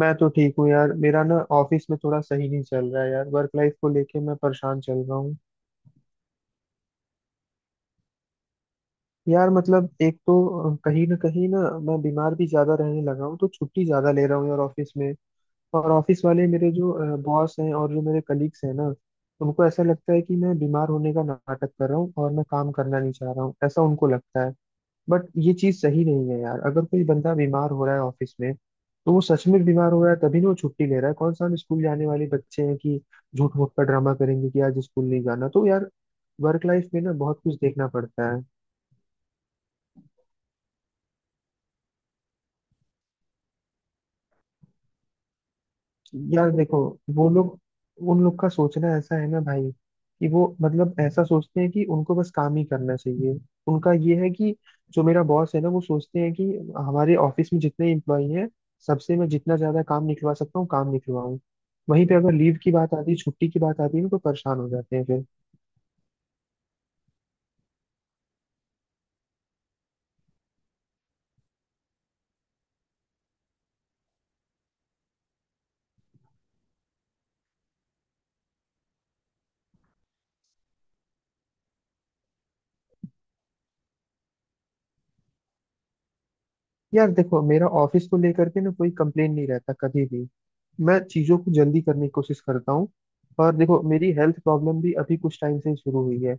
मैं तो ठीक हूँ यार। मेरा ना ऑफिस में थोड़ा सही नहीं चल रहा है यार। वर्क लाइफ को लेके मैं परेशान चल रहा हूँ। यार मतलब एक तो कहीं ना मैं बीमार भी ज्यादा रहने लगा हूँ तो छुट्टी ज्यादा ले रहा हूँ यार ऑफिस में। और ऑफिस वाले मेरे जो बॉस हैं और जो मेरे कलीग्स हैं ना, उनको ऐसा लगता है कि मैं बीमार होने का नाटक कर रहा हूँ और मैं काम करना नहीं चाह रहा हूँ, ऐसा उनको लगता है। बट ये चीज सही नहीं है यार। अगर कोई बंदा बीमार हो रहा है ऑफिस में तो वो सच में बीमार हो रहा है, तभी ना वो छुट्टी ले रहा है। कौन सा हम स्कूल जाने वाले बच्चे हैं कि झूठ मूठ का ड्रामा करेंगे कि आज स्कूल नहीं जाना। तो यार वर्क लाइफ में ना बहुत कुछ देखना पड़ता है। यार देखो वो लोग, उन लोग का सोचना ऐसा है ना भाई, कि वो मतलब ऐसा सोचते हैं कि उनको बस काम ही करना चाहिए। उनका ये है कि जो मेरा बॉस है ना, वो सोचते हैं कि हमारे ऑफिस में जितने एम्प्लॉई हैं, सबसे मैं जितना ज्यादा काम निकलवा सकता हूँ काम निकलवाऊँ। वहीं पे अगर लीव की बात आती है, छुट्टी की बात आती है ना तो परेशान हो जाते हैं। यार देखो, मेरा ऑफिस को लेकर के ना कोई कंप्लेन नहीं रहता कभी भी। मैं चीजों को जल्दी करने की कोशिश करता हूँ। और देखो मेरी हेल्थ प्रॉब्लम भी अभी कुछ टाइम से ही शुरू हुई है।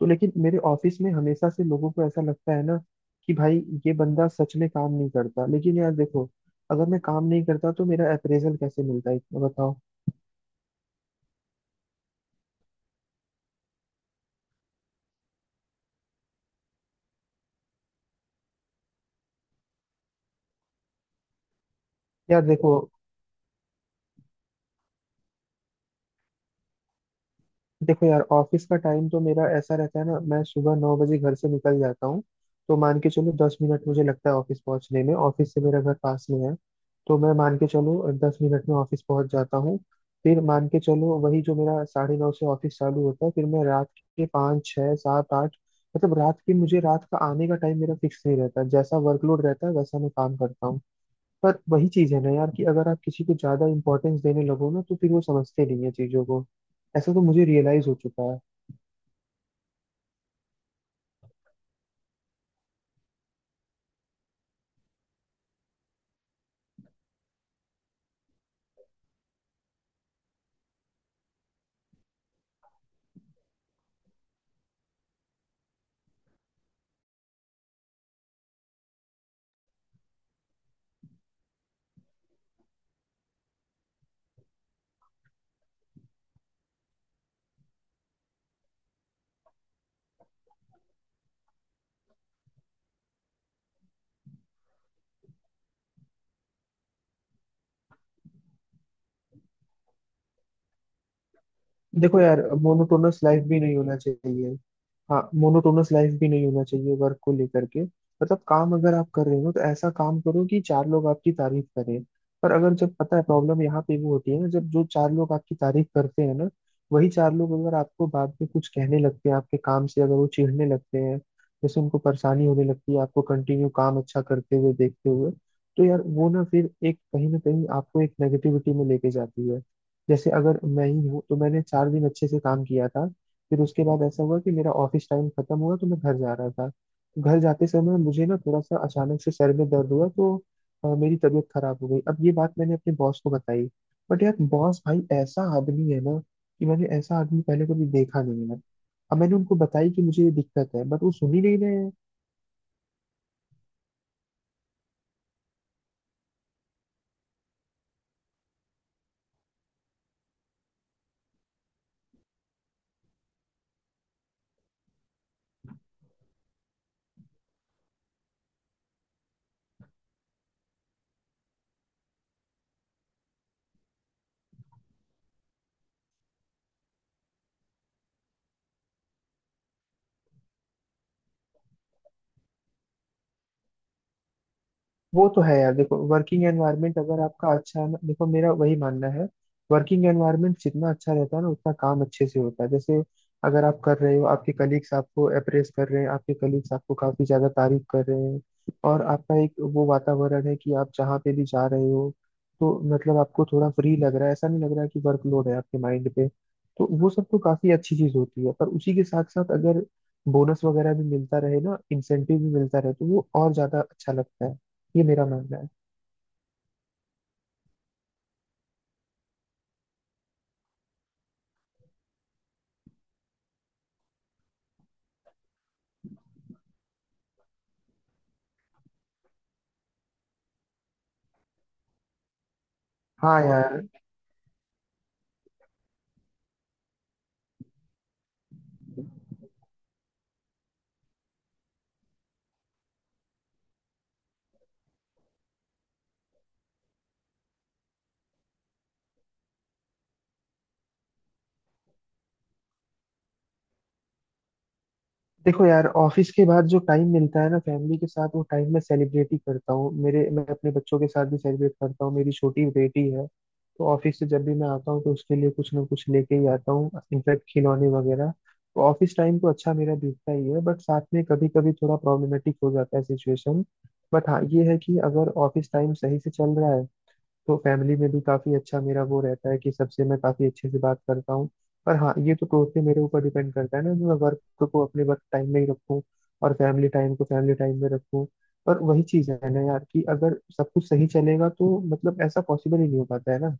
तो लेकिन मेरे ऑफिस में हमेशा से लोगों को ऐसा लगता है ना कि भाई ये बंदा सच में काम नहीं करता। लेकिन यार देखो, अगर मैं काम नहीं करता तो मेरा अप्रेजल कैसे मिलता है इतना बताओ। यार देखो देखो यार, ऑफिस का टाइम तो मेरा ऐसा रहता है ना, मैं सुबह 9 बजे घर से निकल जाता हूँ। तो मान के चलो 10 मिनट मुझे लगता है ऑफिस पहुँचने में, ऑफिस से मेरा घर पास में है। तो मैं मान के चलो दस मिनट में ऑफिस पहुँच जाता हूँ। फिर मान के चलो वही जो मेरा 9:30 से ऑफिस चालू होता है, फिर मैं रात के 5, 6, 7, 8, मतलब रात के, मुझे रात का आने का टाइम मेरा फिक्स नहीं रहता। जैसा वर्कलोड रहता है वैसा मैं काम करता हूँ। पर वही चीज है ना यार, कि अगर आप किसी को ज्यादा इंपॉर्टेंस देने लगो ना तो फिर वो समझते नहीं है चीजों को, ऐसा तो मुझे रियलाइज हो चुका है। देखो यार मोनोटोनस लाइफ भी नहीं होना चाहिए। हाँ, मोनोटोनस लाइफ भी नहीं होना चाहिए वर्क को लेकर के। मतलब काम अगर आप कर रहे हो तो ऐसा काम करो कि चार लोग आपकी तारीफ करें। पर अगर, जब पता है प्रॉब्लम यहाँ पे वो होती है ना, जब जो चार लोग आपकी तारीफ करते हैं ना, वही चार लोग अगर आपको बाद में कुछ कहने लगते हैं आपके काम से, अगर वो चिढ़ने लगते हैं, जैसे उनको परेशानी होने लगती है आपको कंटिन्यू काम अच्छा करते हुए देखते हुए, तो यार वो ना फिर एक कहीं ना कहीं आपको एक नेगेटिविटी में लेके जाती है। जैसे अगर मैं ही हूँ, तो मैंने 4 दिन अच्छे से काम किया था। फिर उसके बाद ऐसा हुआ कि मेरा ऑफिस टाइम खत्म हुआ तो मैं घर जा रहा था। घर जाते समय मुझे ना थोड़ा सा अचानक से सर में दर्द हुआ तो मेरी तबीयत खराब हो गई। अब ये बात मैंने अपने बॉस को बताई, बट यार बॉस भाई ऐसा आदमी है ना कि मैंने ऐसा आदमी पहले कभी देखा नहीं है। अब मैंने उनको बताई कि मुझे ये दिक्कत है बट वो सुन ही नहीं रहे हैं। वो तो है यार। देखो वर्किंग एनवायरनमेंट अगर आपका अच्छा है ना, देखो मेरा वही मानना है, वर्किंग एनवायरनमेंट जितना अच्छा रहता है ना उतना काम अच्छे से होता है। जैसे अगर आप कर रहे हो, आपके कलीग्स आपको अप्रेस कर रहे हैं, आपके कलीग्स आपको काफी ज्यादा तारीफ कर रहे हैं, और आपका एक वो वातावरण है कि आप जहाँ पे भी जा रहे हो, तो मतलब आपको थोड़ा फ्री लग रहा है, ऐसा नहीं लग रहा है कि वर्कलोड है आपके माइंड पे, तो वो सब तो काफी अच्छी चीज होती है। पर उसी के साथ साथ अगर बोनस वगैरह भी मिलता रहे ना, इंसेंटिव भी मिलता रहे, तो वो और ज्यादा अच्छा लगता है, ये मेरा मानना है। हाँ और यार देखो यार, ऑफिस के बाद जो टाइम मिलता है ना फैमिली के साथ, वो टाइम मैं सेलिब्रेट ही करता हूँ। मेरे, मैं अपने बच्चों के साथ भी सेलिब्रेट करता हूँ, मेरी छोटी बेटी है। तो ऑफिस से जब भी मैं आता हूँ तो उसके लिए कुछ ना कुछ लेके ही आता हूँ, इनफैक्ट खिलौने वगैरह। तो ऑफिस टाइम तो अच्छा मेरा बीतता ही है, बट साथ में कभी कभी थोड़ा प्रॉब्लमेटिक हो जाता है सिचुएशन। बट हाँ ये है कि अगर ऑफिस टाइम सही से चल रहा है तो फैमिली में भी काफी अच्छा मेरा वो रहता है कि सबसे मैं काफी अच्छे से बात करता हूँ। पर हाँ ये तो टोटली मेरे ऊपर डिपेंड करता है ना, कि मैं वर्क को अपने वर्क टाइम में ही रखूँ और फैमिली टाइम को फैमिली टाइम में रखूँ। पर वही चीज है ना यार, कि अगर सब कुछ सही चलेगा, तो मतलब ऐसा पॉसिबल ही नहीं हो पाता है ना।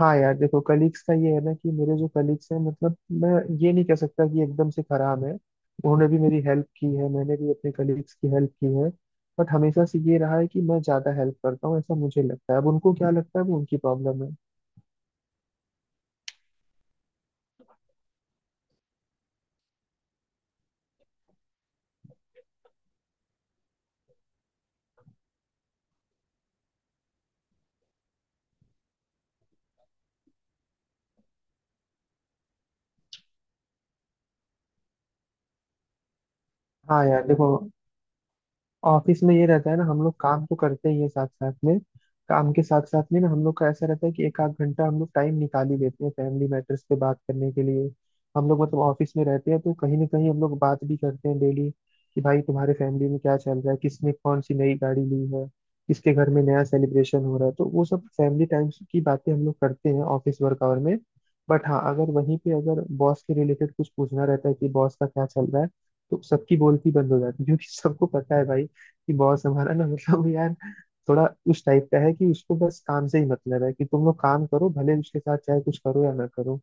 हाँ यार देखो, कलीग्स का ये है ना, कि मेरे जो कलीग्स हैं, मतलब मैं ये नहीं कह सकता कि एकदम से खराब है। उन्होंने भी मेरी हेल्प की है, मैंने भी अपने कलीग्स की हेल्प की है। बट हमेशा से ये रहा है कि मैं ज्यादा हेल्प करता हूँ, ऐसा मुझे लगता है। अब उनको क्या लगता है वो उनकी प्रॉब्लम है। हाँ यार देखो, ऑफिस में ये रहता है ना, हम लोग काम तो करते ही है साथ साथ में। काम के साथ साथ में ना हम लोग का ऐसा रहता है कि एक आध घंटा हम लोग टाइम निकाल ही देते हैं फैमिली मैटर्स पे बात करने के लिए। हम लोग मतलब ऑफिस में रहते हैं तो कहीं ना कहीं हम लोग बात भी करते हैं डेली, कि भाई तुम्हारे फैमिली में क्या चल रहा है, किसने कौन सी नई गाड़ी ली है, किसके घर में नया सेलिब्रेशन हो रहा है। तो वो सब फैमिली टाइम की बातें हम लोग करते हैं ऑफिस वर्क आवर में। बट हाँ, अगर वहीं पे अगर बॉस के रिलेटेड कुछ पूछना रहता है कि बॉस का क्या चल रहा है, तो सबकी बोलती बंद हो जाती है, क्योंकि सबको पता है भाई कि बॉस हमारा ना मतलब यार थोड़ा उस टाइप का है कि उसको बस काम से ही मतलब है, कि तुम लोग काम करो, भले उसके साथ चाहे कुछ करो या ना करो।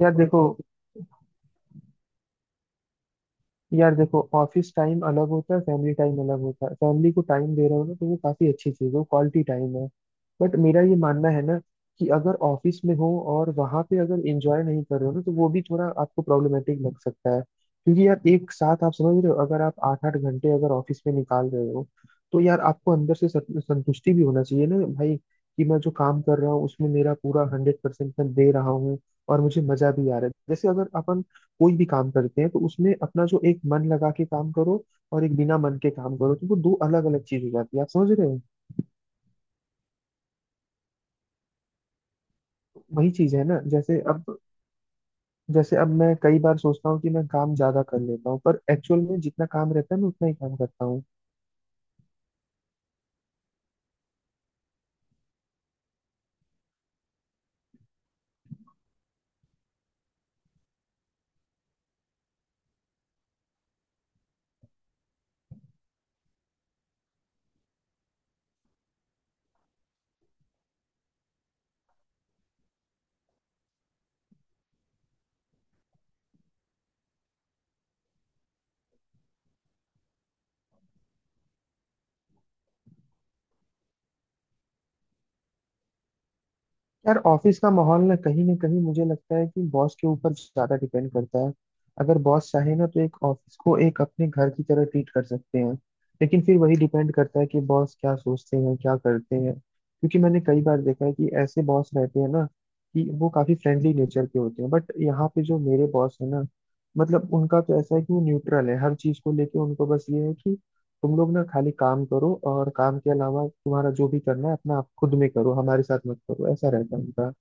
यार देखो यार देखो, ऑफिस टाइम अलग होता है फैमिली टाइम अलग होता है। फैमिली को टाइम दे रहे हो ना, तो वो काफी अच्छी चीज है, क्वालिटी टाइम है। बट मेरा ये मानना है ना, कि अगर ऑफिस में हो और वहां पे अगर एंजॉय नहीं कर रहे हो ना, तो वो भी थोड़ा आपको प्रॉब्लमेटिक लग सकता है, क्योंकि यार एक साथ, आप समझ रहे हो, अगर आप 8-8 घंटे अगर ऑफिस में निकाल रहे हो, तो यार आपको अंदर से संतुष्टि भी होना चाहिए ना भाई, कि मैं जो काम कर रहा हूँ उसमें मेरा पूरा 100% मैं दे रहा हूँ और मुझे मजा भी आ रहा है। जैसे अगर अपन कोई भी काम करते हैं तो उसमें अपना, जो एक मन लगा के काम करो और एक बिना मन के काम करो, तो वो दो अलग अलग चीज हो जाती है, आप समझ रहे हो। वही चीज है ना, जैसे अब मैं कई बार सोचता हूँ कि मैं काम ज्यादा कर लेता हूँ, पर एक्चुअल में जितना काम रहता है मैं उतना ही काम करता हूँ। यार ऑफिस का माहौल ना, कहीं ना कहीं मुझे लगता है कि बॉस के ऊपर ज्यादा डिपेंड करता है। अगर बॉस चाहे ना, तो एक ऑफिस को एक अपने घर की तरह ट्रीट कर सकते हैं। लेकिन फिर वही डिपेंड करता है कि बॉस क्या सोचते हैं क्या करते हैं, क्योंकि मैंने कई बार देखा है कि ऐसे बॉस रहते हैं ना कि वो काफी फ्रेंडली नेचर के होते हैं। बट यहाँ पे जो मेरे बॉस है ना, मतलब उनका तो ऐसा है कि वो न्यूट्रल है हर चीज को लेके। उनको बस ये है कि तुम लोग ना खाली काम करो, और काम के अलावा तुम्हारा जो भी करना है अपना आप खुद में करो, हमारे साथ मत करो, ऐसा रहता है उनका।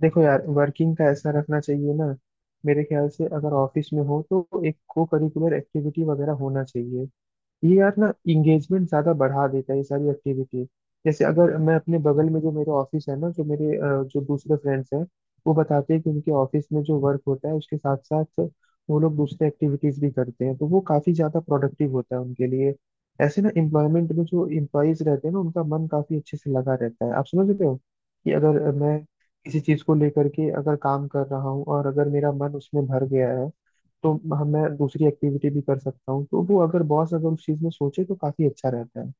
देखो यार वर्किंग का ऐसा रखना चाहिए ना, मेरे ख्याल से अगर ऑफिस में हो तो एक को करिकुलर एक्टिविटी वगैरह होना चाहिए। ये यार ना इंगेजमेंट ज्यादा बढ़ा देता है ये सारी एक्टिविटी। जैसे अगर मैं अपने बगल में जो मेरे ऑफिस है ना, जो मेरे जो दूसरे फ्रेंड्स हैं, वो बताते हैं कि उनके ऑफिस में जो वर्क होता है उसके साथ साथ वो लोग दूसरे एक्टिविटीज भी करते हैं, तो वो काफी ज्यादा प्रोडक्टिव होता है उनके लिए। ऐसे ना एम्प्लॉयमेंट में जो एम्प्लॉयज रहते हैं ना, उनका मन काफी अच्छे से लगा रहता है, आप समझ रहे हो, कि अगर मैं किसी चीज को लेकर के अगर काम कर रहा हूँ और अगर मेरा मन उसमें भर गया है, तो मैं दूसरी एक्टिविटी भी कर सकता हूँ, तो वो अगर बॉस अगर उस चीज में सोचे तो काफी अच्छा रहता है।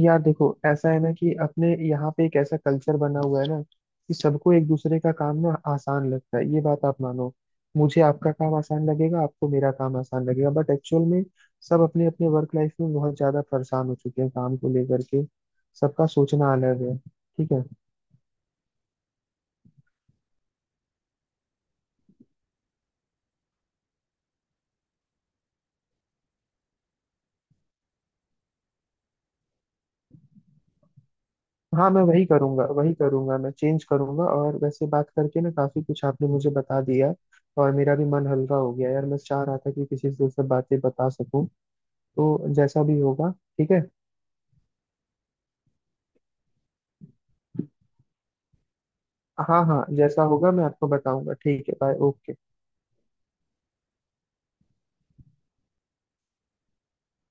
यार देखो ऐसा है ना, कि अपने यहाँ पे एक ऐसा कल्चर बना हुआ है ना, कि सबको एक दूसरे का काम ना आसान लगता है, ये बात आप मानो। मुझे आपका काम आसान लगेगा, आपको मेरा काम आसान लगेगा, बट एक्चुअल में सब अपने अपने वर्क लाइफ में बहुत ज्यादा परेशान हो चुके हैं काम को लेकर के। सबका सोचना अलग है, ठीक है। हाँ मैं वही करूंगा, वही करूंगा मैं, चेंज करूंगा। और वैसे बात करके ना काफी कुछ आपने मुझे बता दिया, और मेरा भी मन हल्का हो गया यार। मैं चाह रहा था कि किसी से सब बातें बता सकूं, तो जैसा भी होगा, ठीक है। हाँ हाँ, जैसा होगा मैं आपको बताऊंगा, ठीक है। बाय। ओके।